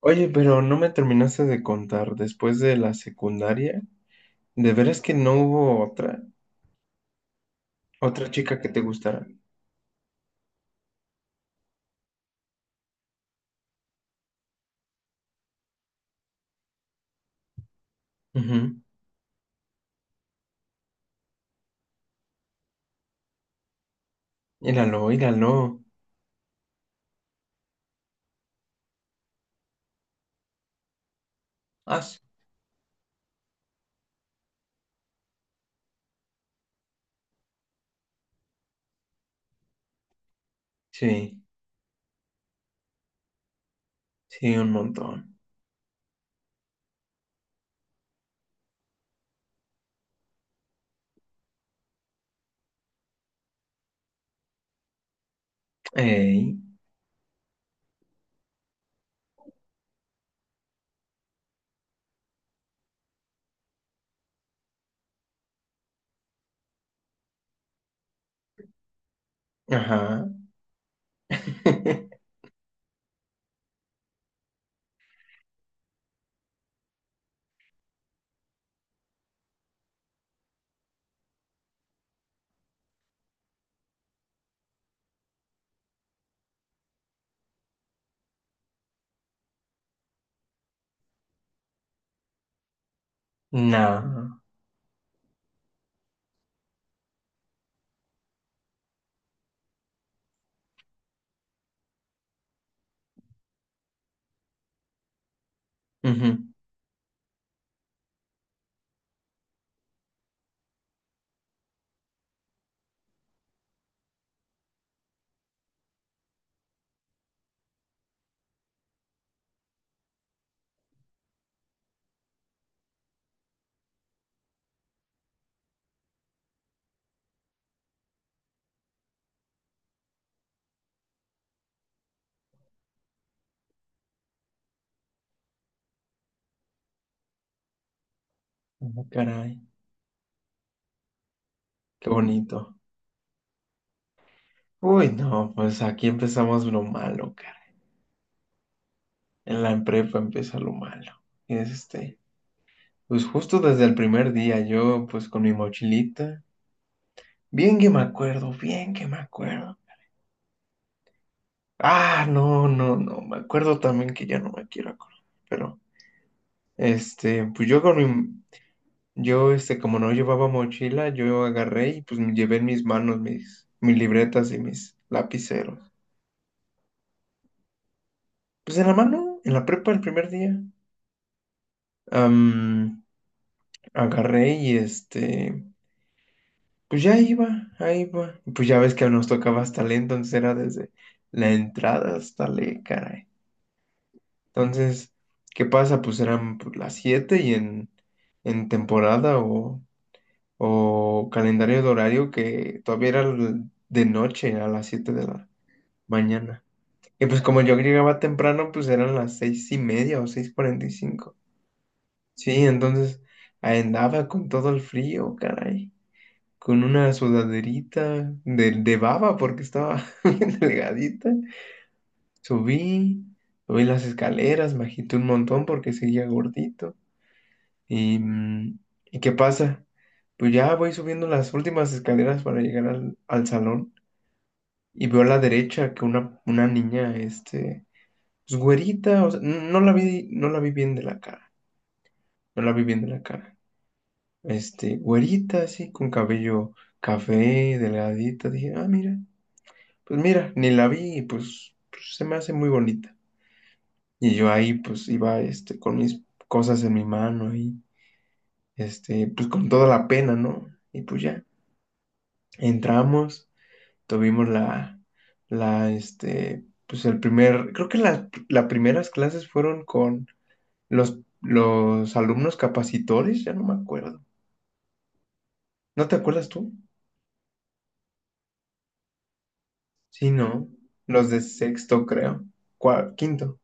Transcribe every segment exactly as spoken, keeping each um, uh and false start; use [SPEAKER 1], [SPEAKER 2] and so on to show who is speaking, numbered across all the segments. [SPEAKER 1] Oye, pero no me terminaste de contar después de la secundaria. ¿De veras que no hubo otra? ¿Otra chica que te gustara? Ujú. Míralo, míralo. Ah, sí, sí, sí, un montón. Ey, ajá. No. Ujú. Ah, caray, qué bonito. Uy, no, pues aquí empezamos lo malo, caray. En la prepa empieza lo malo. Este, pues justo desde el primer día, yo pues con mi mochilita. Bien que me acuerdo, bien que me acuerdo. Ah, no, no, no, me acuerdo también que ya no me quiero acordar. Pero, este, pues yo con mi, yo, este, como no llevaba mochila, yo agarré y pues me llevé en mis manos mis, mis libretas y mis lapiceros. Pues en la mano, en la prepa el primer día. Am, agarré y este, pues ya iba, ahí iba. Pues ya ves que nos tocaba hasta lento, entonces era desde la entrada hasta le, caray. Entonces, ¿qué pasa? Pues eran pues, las siete y en, en temporada o, o calendario de horario que todavía era l- de noche, a las siete de la mañana. Y pues como yo llegaba temprano, pues eran las seis y media o seis cuarenta y cinco. Sí, entonces ahí andaba con todo el frío, caray, con una sudaderita de, de baba porque estaba bien delgadita. Subí, subí las escaleras, me agité un montón porque seguía gordito. Y, mm, ¿y qué pasa? Pues ya voy subiendo las últimas escaleras para llegar al, al salón y veo a la derecha que una, una niña, este, pues güerita, o sea, n- no la vi, no la vi bien de la cara, no la vi bien de la cara. Este, güerita, así, con cabello café, delgadita, dije, ah, mira, pues mira, ni la vi y pues, pues, se me hace muy bonita. Y yo ahí, pues iba, este, con mis cosas en mi mano ahí, este, pues con toda la pena, ¿no? Y pues ya. Entramos, tuvimos la, la, este, pues el primer, creo que las las primeras clases fueron con los, los alumnos capacitores, ya no me acuerdo. ¿No te acuerdas tú? Sí, no, los de sexto, creo. Cua- quinto.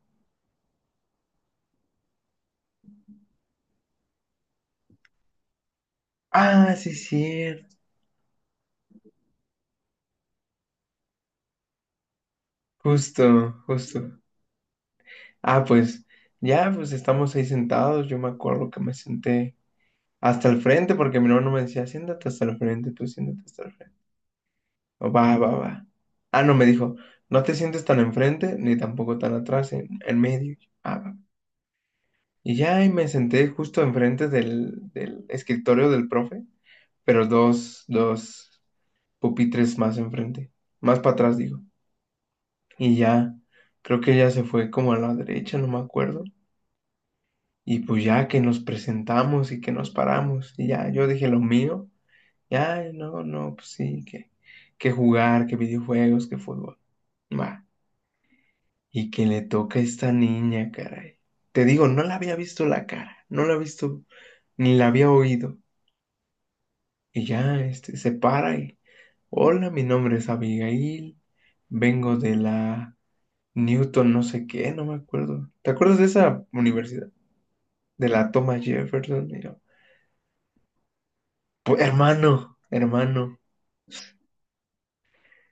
[SPEAKER 1] Ah, sí, cierto. Justo, justo. Ah, pues ya, pues estamos ahí sentados. Yo me acuerdo que me senté hasta el frente porque mi hermano me decía, siéntate hasta el frente, tú siéntate hasta el frente. Va, va, va. Ah, no, me dijo, no te sientes tan enfrente ni tampoco tan atrás, en, en medio. Ah, va. Y ya ahí me senté justo enfrente del, del escritorio del profe, pero dos, dos pupitres más enfrente, más para atrás, digo. Y ya, creo que ella se fue como a la derecha, no me acuerdo. Y pues ya que nos presentamos y que nos paramos, y ya yo dije lo mío, ya, no, no, pues sí, que, que jugar, que videojuegos, que fútbol. Va. Y que le toca a esta niña, caray. Te digo, no la había visto la cara, no la había visto, ni la había oído. Y ya, este, se para y, hola, mi nombre es Abigail, vengo de la Newton, no sé qué, no me acuerdo. ¿Te acuerdas de esa universidad? De la Thomas Jefferson. Y yo, "Pu- hermano, hermano,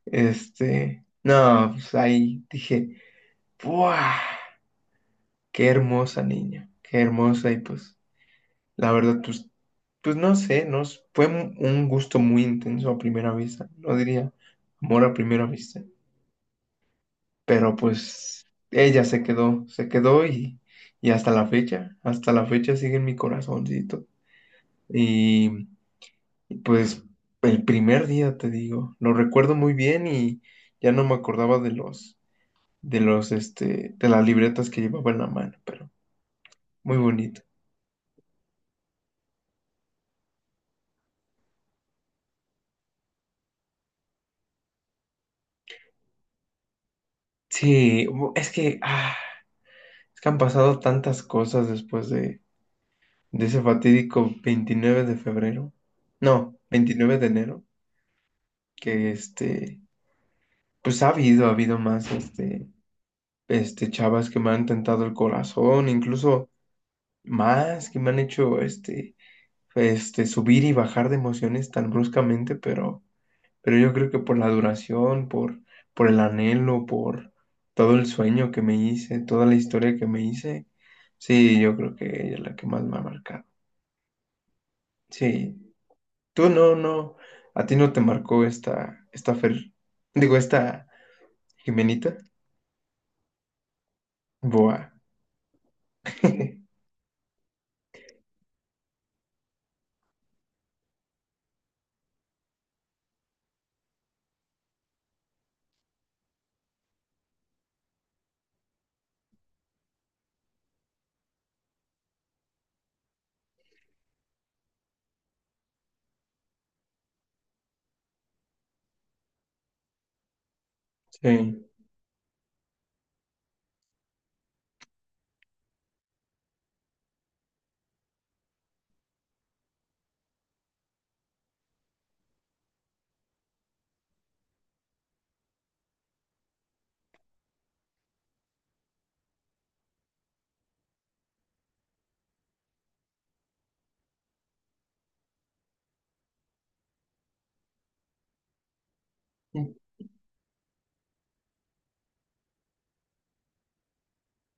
[SPEAKER 1] este, no, pues ahí dije, ¡buah! ¡Qué hermosa niña! ¡Qué hermosa! Y pues la verdad, pues, pues, no sé, nos fue un un gusto muy intenso a primera vista, no diría amor a primera vista, pero pues ella se quedó, se quedó y, y hasta la fecha, hasta la fecha sigue en mi corazoncito. Y y pues el primer día, te digo, lo recuerdo muy bien y ya no me acordaba de los, de los, este, de las libretas que llevaba en la mano, pero muy bonito. Sí, bu- es que, ah, es que han pasado tantas cosas después de de ese fatídico veintinueve de febrero, no, veintinueve de enero, que este, pues ha habido, ha habido más, este, este, chavas que me han tentado el corazón, incluso más, que me han hecho, este, este, subir y bajar de emociones tan bruscamente, pero, pero yo creo que por la duración, por, por el anhelo, por todo el sueño que me hice, toda la historia que me hice, sí, yo creo que ella es la que más me ha marcado. Sí, tú no, no, a ti no te marcó esta, esta Fer, digo, esta Jimenita Boa. Sí.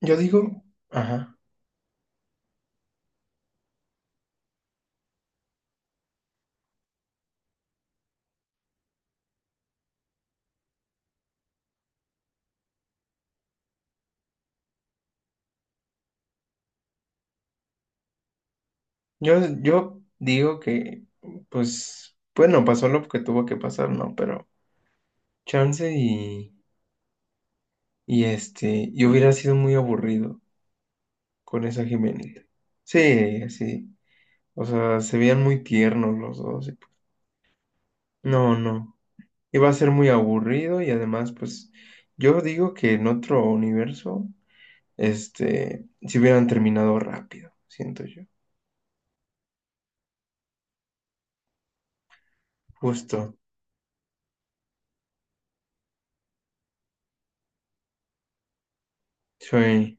[SPEAKER 1] Yo digo, ajá, yo, yo digo que, pues, bueno, pasó lo que tuvo que pasar, ¿no? Pero chance y, y este, y hubiera sido muy aburrido con esa Jimenita. Sí, sí, o sea, se veían muy tiernos los dos. Y pues, no, no. Y va a ser muy aburrido y además, pues, yo digo que en otro universo, este, si hubieran terminado rápido, siento yo. Justo. Soy...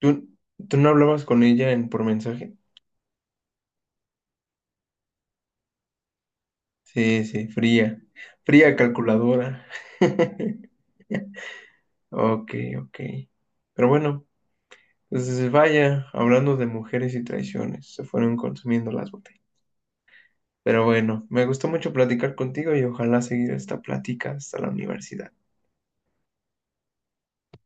[SPEAKER 1] ¿Tú, tú no hablabas con ella en por mensaje? Sí, sí, fría. Fría calculadora. Ok, ok. Pero bueno, pues vaya, hablando de mujeres y traiciones, se fueron consumiendo las botellas. Pero bueno, me gustó mucho platicar contigo y ojalá seguir esta plática hasta la universidad.